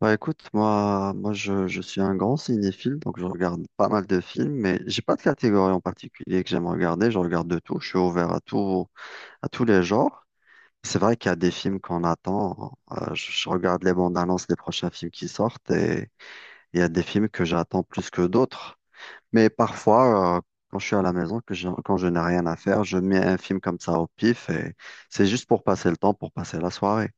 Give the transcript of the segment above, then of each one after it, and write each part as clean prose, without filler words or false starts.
Bah écoute, moi, je suis un grand cinéphile, donc je regarde pas mal de films, mais j'ai pas de catégorie en particulier que j'aime regarder. Je regarde de tout, je suis ouvert à tout, à tous les genres. C'est vrai qu'il y a des films qu'on attend, je regarde les bandes annonces des prochains films qui sortent et il y a des films que j'attends plus que d'autres. Mais parfois, quand je suis à la maison, quand je n'ai rien à faire, je mets un film comme ça au pif et c'est juste pour passer le temps, pour passer la soirée.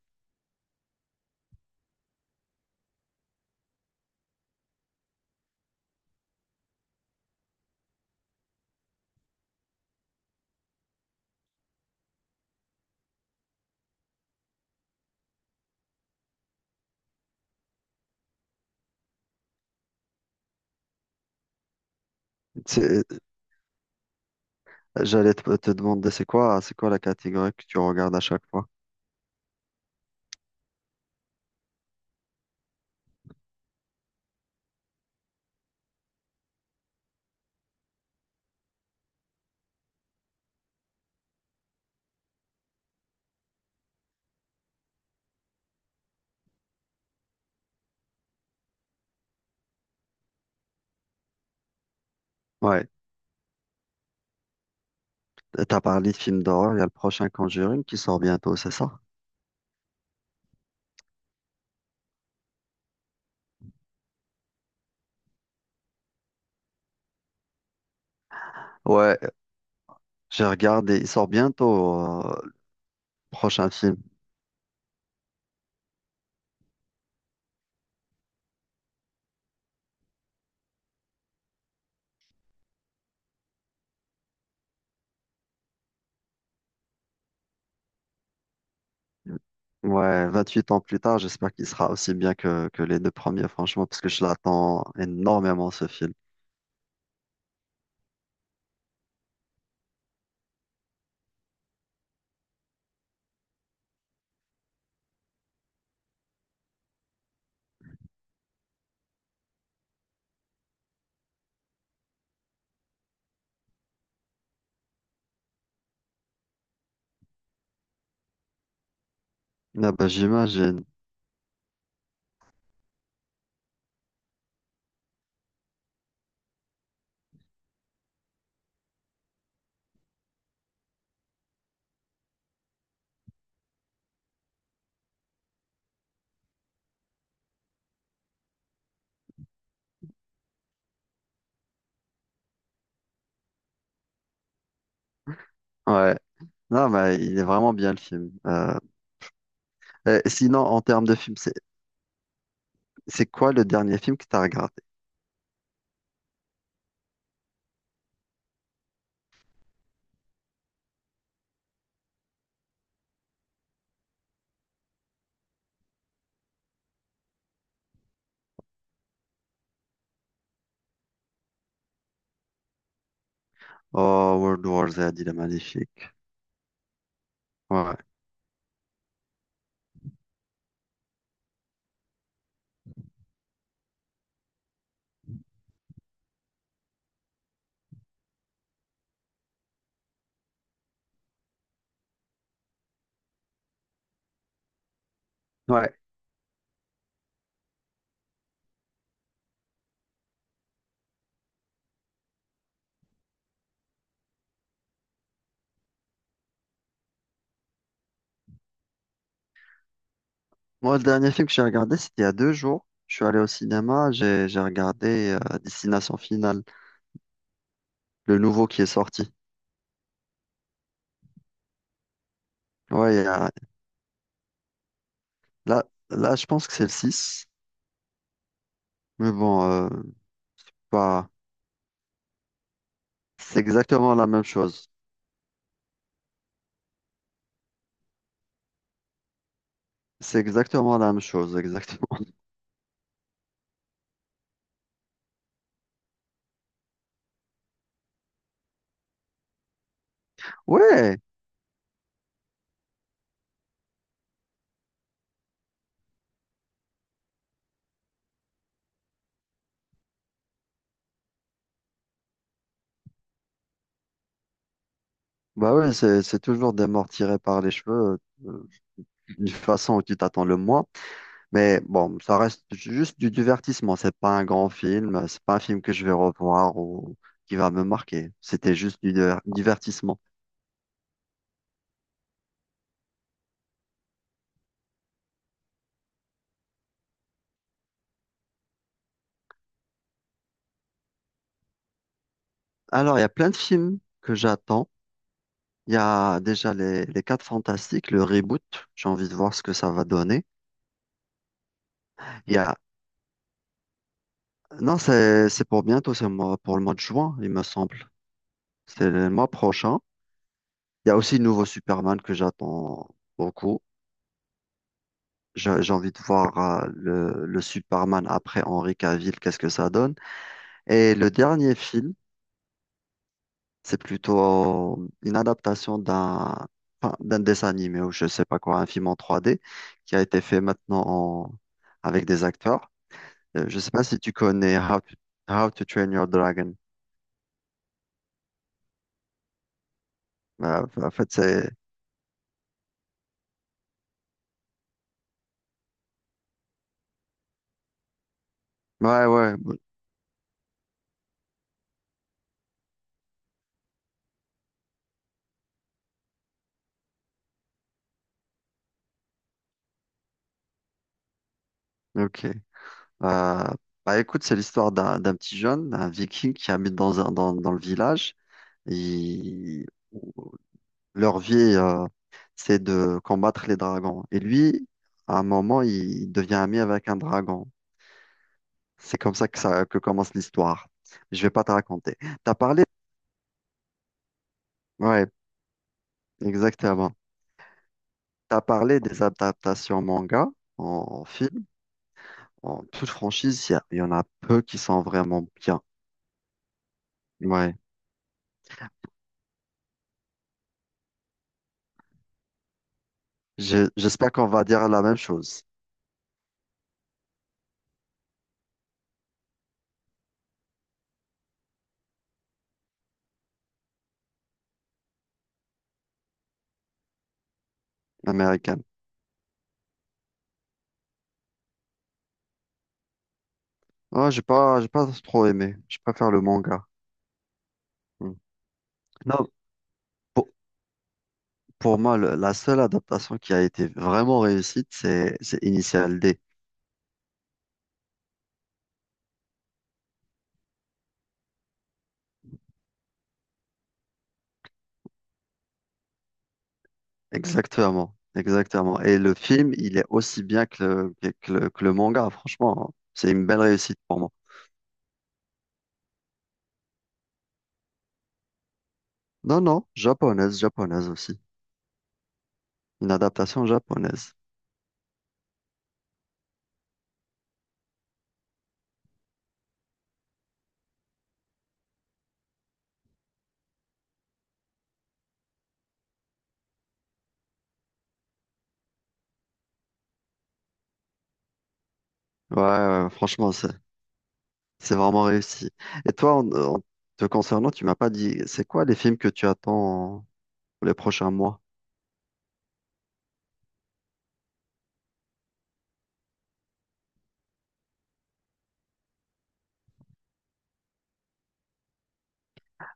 J'allais te demander, c'est quoi la catégorie que tu regardes à chaque fois? Ouais, t'as parlé de films d'horreur, il y a le prochain Conjuring qui sort bientôt, c'est ça? Ouais, j'ai regardé, il sort bientôt, le prochain film. Ouais, Vingt-huit ans plus tard, j'espère qu'il sera aussi bien que les deux premiers, franchement, parce que je l'attends énormément, ce film. Ah bah, j'imagine. Ouais. Non, mais il est vraiment bien le film. Et sinon, en termes de film, c'est quoi le dernier film que tu as regardé? Oh, World War Z, il est magnifique. Ouais. Ouais. Moi, le dernier film que j'ai regardé, c'était il y a deux jours. Je suis allé au cinéma, j'ai regardé Destination Finale, le nouveau qui est sorti. Ouais, il y a- Là, là, je pense que c'est le 6. Mais bon, bah, c'est exactement la même chose. C'est exactement la même chose, exactement. Ouais, bah ouais, c'est toujours des morts tirés par les cheveux euh, d'une façon où tu t'attends le moins. Mais bon, ça reste juste du divertissement. C'est pas un grand film, c'est pas un film que je vais revoir ou qui va me marquer. C'était juste divertissement. Alors, il y a plein de films que j'attends. Il y a déjà les Quatre Fantastiques, le reboot. J'ai envie de voir ce que ça va donner. Il y a, non, c'est pour bientôt, pour le mois de juin, il me semble. C'est le mois prochain. Il y a aussi le nouveau Superman que j'attends beaucoup. J'ai envie de voir le Superman après Henry Cavill, qu'est-ce que ça donne. Et le dernier film, c'est plutôt une adaptation d'un enfin, d'un dessin animé ou je sais pas quoi, un film en 3D qui a été fait maintenant en- avec des acteurs. Je sais pas si tu connais How to Train Your Dragon. En fait, c'est... Ouais, ouais, ok. Euh, bah écoute, c'est l'histoire d'un petit jeune, un viking qui habite dans le village. Il... Leur vie, c'est de combattre les dragons. Et lui, à un moment, il devient ami avec un dragon. C'est comme ça que commence l'histoire. Je vais pas te raconter. T'as parlé, ouais, exactement. T'as parlé des adaptations manga en, film. En toute franchise, il y en a peu qui sont vraiment bien. Ouais. Je- J'espère qu'on va dire la même chose, américaine. Oh, j'ai pas trop aimé. Je préfère le manga. Hmm. Non. Pour moi, la seule adaptation qui a été vraiment réussite, c'est Initial D. Exactement, exactement. Et le film, il est aussi bien que que le manga, franchement. C'est une belle réussite pour moi. Non, non, japonaise, japonaise aussi. Une adaptation japonaise. Ouais, ouais, franchement, c'est vraiment réussi. Et toi, en te concernant, tu m'as pas dit, c'est quoi les films que tu attends pour les prochains mois?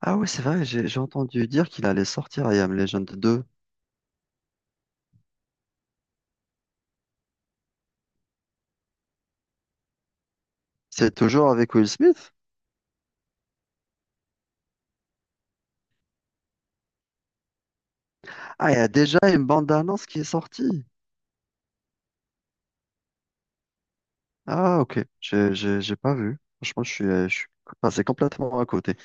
Ah oui, c'est vrai, j'ai entendu dire qu'il allait sortir I Am Legend 2. C'est toujours avec Will Smith? Ah, il y a déjà une bande-annonce qui est sortie. Ah, ok. J'ai pas vu. Franchement, je suis passé complètement à côté.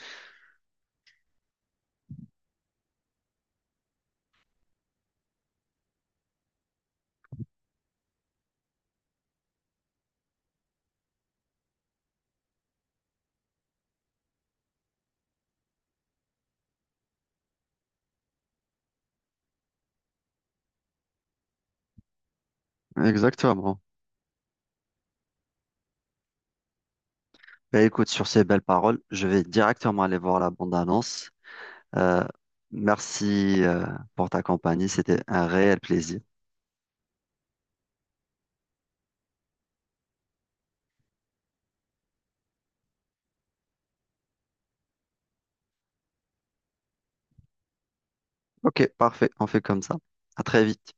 Exactement. Bah, écoute, sur ces belles paroles, je vais directement aller voir la bande-annonce. Euh, Merci, pour ta compagnie. C'était un réel plaisir. Ok, parfait. On fait comme ça. À très vite.